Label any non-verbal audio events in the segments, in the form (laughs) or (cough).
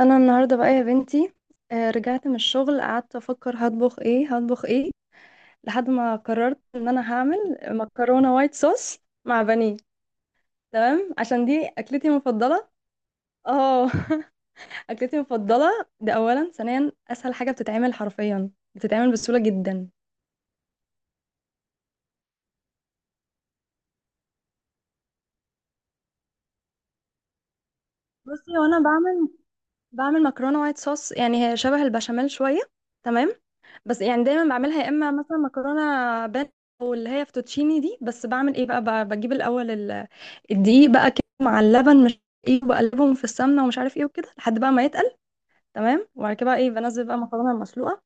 انا النهارده بقى يا بنتي، رجعت من الشغل قعدت افكر هطبخ ايه هطبخ ايه لحد ما قررت ان انا هعمل مكرونه وايت صوص مع بانيه. تمام، عشان دي اكلتي المفضله. اه. (laughs) اكلتي المفضله ده اولا، ثانيا اسهل حاجه بتتعمل حرفيا، بتتعمل بسهوله جدا. بصي، وانا بعمل مكرونه وايت صوص، يعني هي شبه البشاميل شويه. تمام. بس يعني دايما بعملها يا اما مثلا مكرونه بان، او اللي هي فوتوتشيني دي. بس بعمل ايه بقى؟ بجيب الاول الدقيق بقى كده مع اللبن، مش ايه، بقلبهم في السمنه ومش عارف ايه وكده لحد بقى ما يتقل. تمام، وبعد كده بقى ايه بنزل بقى المكرونه المسلوقه.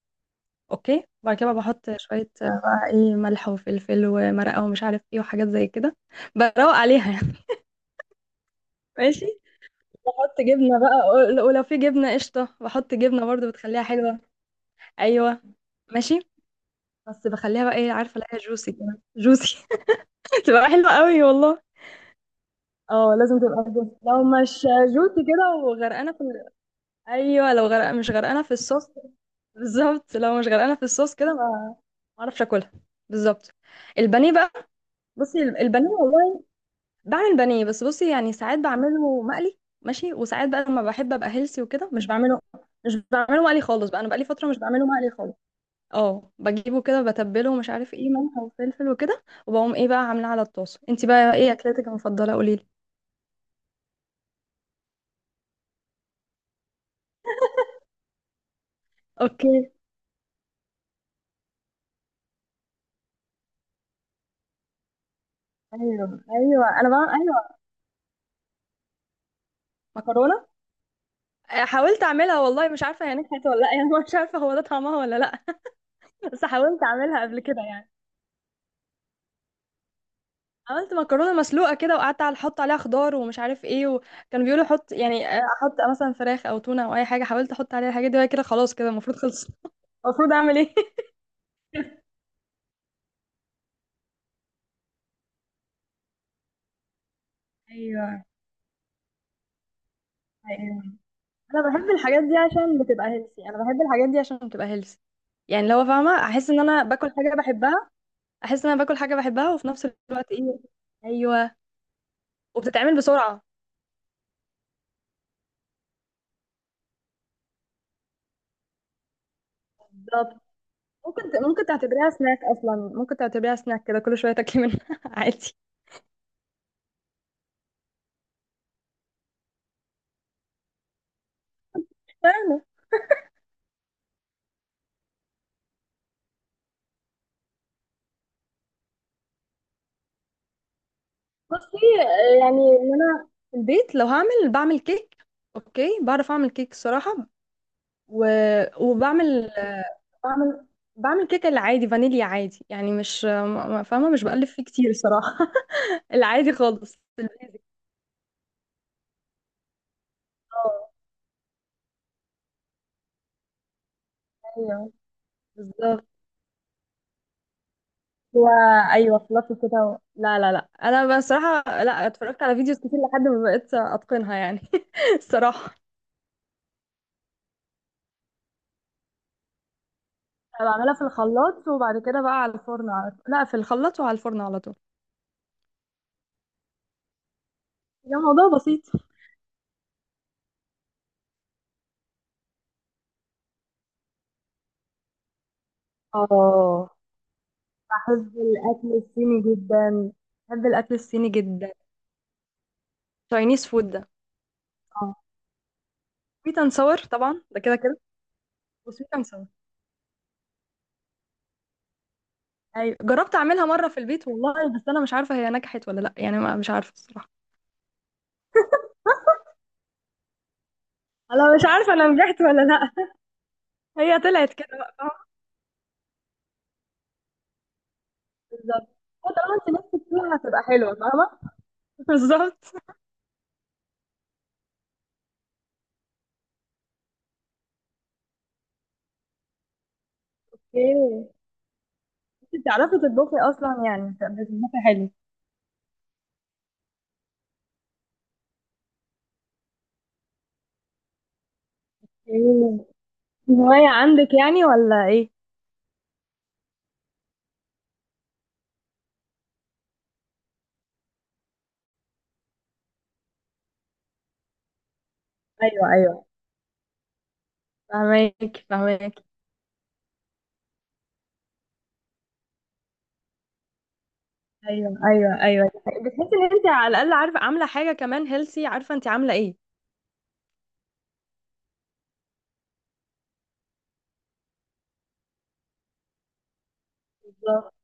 اوكي، وبعد كده بقى بحط شويه، بقى ايه ملح وفلفل ومرقه ومش عارف ايه وحاجات زي كده، بروق عليها يعني. (laughs) ماشي. بحط جبنه بقى، ولو في جبنه قشطه بحط جبنه برضو، بتخليها حلوه. ايوه. ماشي. بس بخليها بقى ايه، عارفه الاقيها جوسي كده، جوسي. (laughs) تبقى حلوه قوي والله. اه لازم تبقى جوسي، لو مش جوسي كده وغرقانه في، ايوه لو غرق مش غرقانه في الصوص، بالظبط لو مش غرقانه في الصوص كده ما اعرفش اكلها. بالظبط. البانيه بقى، بصي البانيه والله بعمل بانيه. بس بصي يعني ساعات بعمله مقلي، ماشي، وساعات بقى لما بحب ابقى هيلسي وكده مش بعمله مقلي خالص بقى، انا بقالي فتره مش بعمله مقلي خالص. اه بجيبه كده بتبله ومش عارف ايه، ملح وفلفل وكده، وبقوم ايه بقى عاملاه على الطاسه. انت بقى ايه اكلتك المفضله؟ قولي لي. اوكي. ايوه ايوه انا بقى ايوه مكرونه. حاولت اعملها والله، مش عارفه هي نجحت ولا لا. (laughs) يعني مش عارفه هو ده طعمها ولا لا. بس حاولت اعملها قبل كده يعني. عملت مكرونه مسلوقه كده وقعدت على احط عليها خضار ومش عارف ايه، وكانوا بيقولوا حط يعني، احط مثلا فراخ او تونه او اي حاجه. حاولت احط عليها الحاجات دي وهي كده خلاص كده المفروض خلصت. المفروض اعمل ايه؟ (laughs) ايوه ايوه. انا بحب الحاجات دي عشان بتبقى هيلسي، انا بحب الحاجات دي عشان بتبقى هيلسي. يعني لو فاهمه، احس ان انا باكل حاجه بحبها، احس ان انا باكل حاجه بحبها وفي نفس الوقت ايه. ايوه. وبتتعمل بسرعه. بالظبط. ممكن تعتبريها سناك اصلا، ممكن تعتبريها سناك كده، كل شويه تاكلي منها. (laughs) عادي. فاهمه. بصي، يعني ان انا في البيت لو هعمل بعمل كيك. اوكي بعرف اعمل كيك الصراحه. و... وبعمل بعمل بعمل كيك العادي فانيليا عادي، يعني مش فاهمه مش بقلب فيه كتير الصراحه. (laughs) العادي خالص البيزك. اه. ايوه بالظبط. هو ايوه فلافي كده و... لا لا لا انا بصراحه لا، اتفرجت على فيديوز كتير لحد ما بقيت اتقنها يعني. (laughs) الصراحه. انا بعملها في الخلاط وبعد كده بقى على الفرن على طول، لا في الخلاط وعلى الفرن على طول. ده موضوع بسيط. اه. بحب الاكل الصيني جدا، بحب الاكل الصيني جدا. تشاينيز فود ده. اه. سويت اند ساور طبعا ده كده كده. وسويت اند ساور. ايوه جربت اعملها مره في البيت والله، بس انا مش عارفه هي نجحت ولا لا يعني، ما مش عارفه الصراحه. انا مش عارفه انا نجحت ولا لا. (laughs) هي طلعت كده بقى، فاهمه. بالظبط. هو طالما انت نفسك فيها هتبقى حلوه، فاهمه. (laughs) بالظبط. ايه؟ بتعرفي تطبخي اصلا يعني؟ بتطبخي حلو. إيه، هواية عندك يعني ولا ايه؟ ايوه ايوه. فهماك فهماك. ايوه ايوه ايوه. بتحسي ان انت على الاقل عارفه عامله حاجه كمان هيلسي، عارفه انت عامله ايه. بالظبط.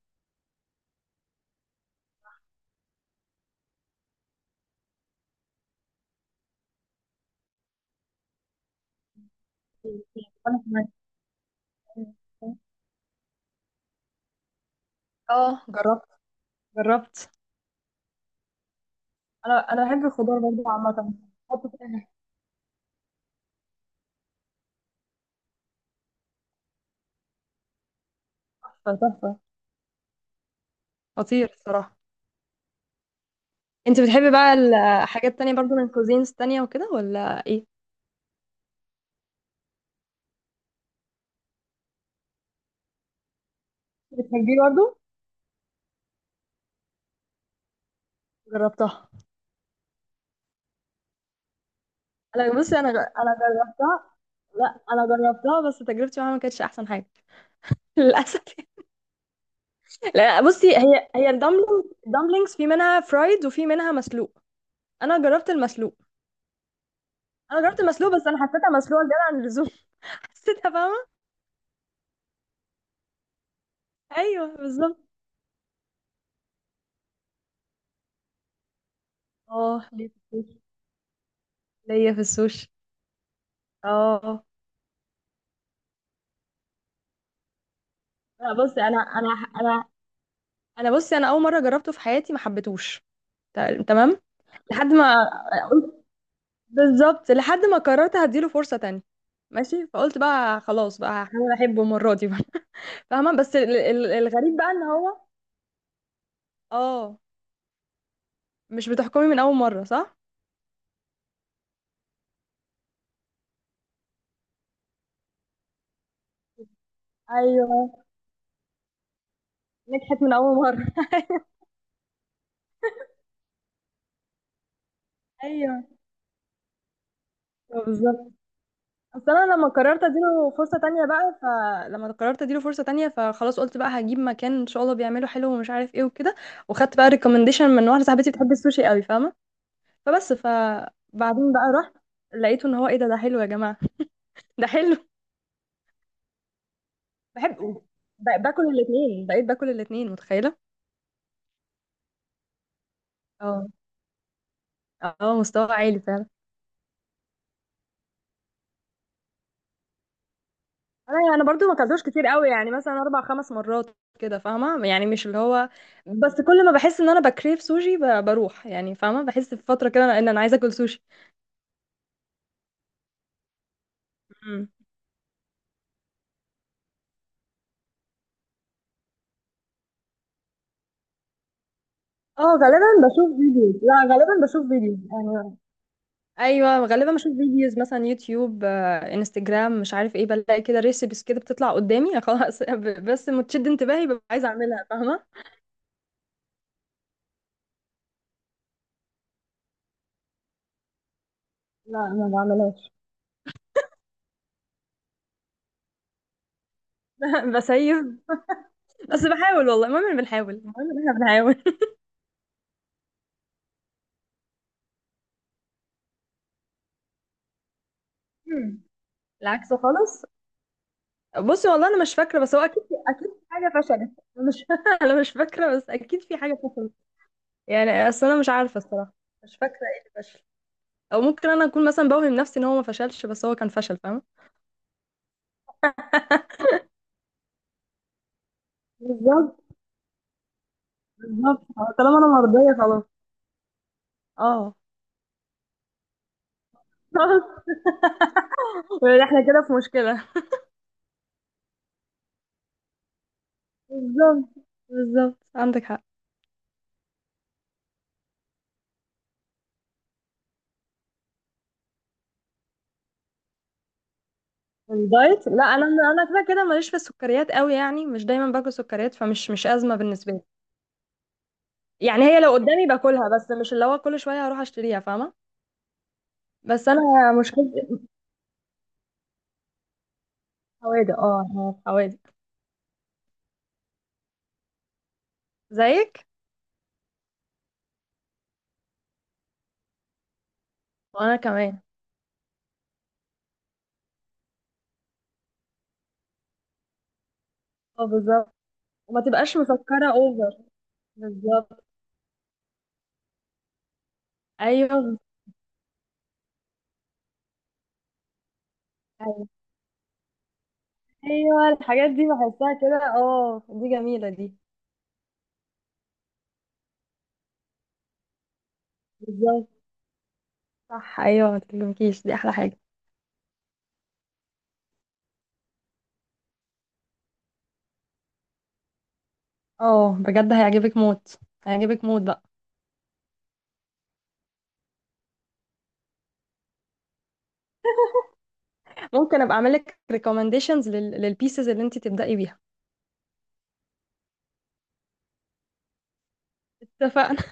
انا كمان. اه جربت جربت. انا بحب الخضار برضه عامة، بحطه في اي حاجة. تحفة تحفه. خطير الصراحه. انت بتحبي بقى الحاجات التانية برضو من كوزينز تانية وكده ولا ايه؟ بتحبيه برضه. جربتها. انا بصي، انا جربتها. لا انا جربتها بس تجربتي معاها ما كانتش احسن حاجه. (laughs) للاسف. لا بصي هي، هي الدمبلينج، الدمبلينجز في منها فرايد وفي منها مسلوق. انا جربت المسلوق. انا جربت المسلوق بس انا حسيتها مسلوقه زياده عن اللزوم. (laughs) حسيتها فاهمه. ايوه بالظبط. اه ليا في السوشي. ليا في السوشي. اه. لا بصي، انا انا بصي انا اول مره جربته في حياتي ما حبيتهوش. تمام. لحد ما، بالظبط لحد ما قررت هديله فرصة تانية. ماشي، فقلت بقى خلاص بقى هحاول احبه المرة دي بقى. (laughs) فاهمة. بس الغريب بقى ان هو، اه، مش بتحكمي من اول مرة صح؟ ايوه نجحت من اول مرة. (laughs) ايوه بالظبط. اصل انا لما قررت اديله فرصة تانية بقى، فلما قررت اديله فرصة تانية فخلاص قلت بقى هجيب مكان ان شاء الله بيعمله حلو ومش عارف ايه وكده. وخدت بقى ريكومنديشن من واحدة صاحبتي بتحب السوشي قوي، فاهمة. فبس فبعدين بقى رحت، لقيته ان هو ايه ده، ده حلو يا جماعة. (laughs) ده حلو. بحب. باكل الاثنين، بقيت باكل الاثنين، متخيله. اه. اه مستوى عالي فعلا. انا برضو ما اكلتوش كتير قوي، يعني مثلا اربع خمس مرات كده، فاهمه. يعني مش اللي هو. بس كل ما بحس ان انا بكريف سوشي بروح يعني، فاهمه. بحس في فتره كده ان انا عايزه اكل سوشي. مم. اه غالبا بشوف فيديوز، لا غالبا بشوف فيديوز يعني. ايوه غالبا بشوف فيديوز مثلا يوتيوب، انستجرام، مش عارف ايه، بلاقي كده ريسيبس كده بتطلع قدامي خلاص. (laughs) بس متشد انتباهي ببقى عايزه اعملها فاهمه. لا ما بعملهاش. (laughs) بسيب. بس بحاول والله، المهم إن بنحاول، المهم ان احنا بنحاول. مم. العكس خالص. بصي والله انا مش فاكره بس هو اكيد في حاجه فشلت. أنا مش (laughs) انا مش فاكره بس اكيد في حاجه فشلت. يعني اصل انا مش عارفه الصراحه. مش فاكره ايه اللي فشل، او ممكن انا اكون مثلا بوهم نفسي ان هو ما فشلش بس هو كان فشل، فاهمه. (laughs) بالظبط. بالظبط طالما انا مرضيه خلاص. اه. (laughs) احنا كده في مشكله. بالظبط. بالظبط عندك حق. الدايت لا انا كده كده ماليش في السكريات قوي يعني، مش دايما باكل سكريات، فمش مش ازمه بالنسبه لي. يعني هي لو قدامي باكلها، بس مش اللي هو كل شويه هروح اشتريها، فاهمه. بس انا مشكلتي في الحوادق، اه أنا في حوادق زيك. وانا كمان. اه بالظبط. وما تبقاش مسكره اوفر. بالظبط. ايوه ايوه ايوه الحاجات دي بحسها كده، اه دي جميله دي. بالظبط. صح ايوه ما تكلمكيش دي احلى حاجه. اه بجد هيعجبك موت، هيعجبك موت بقى. ممكن ابقى اعمل لك ريكومنديشنز للبيسز اللي انت تبدأي بيها. اتفقنا.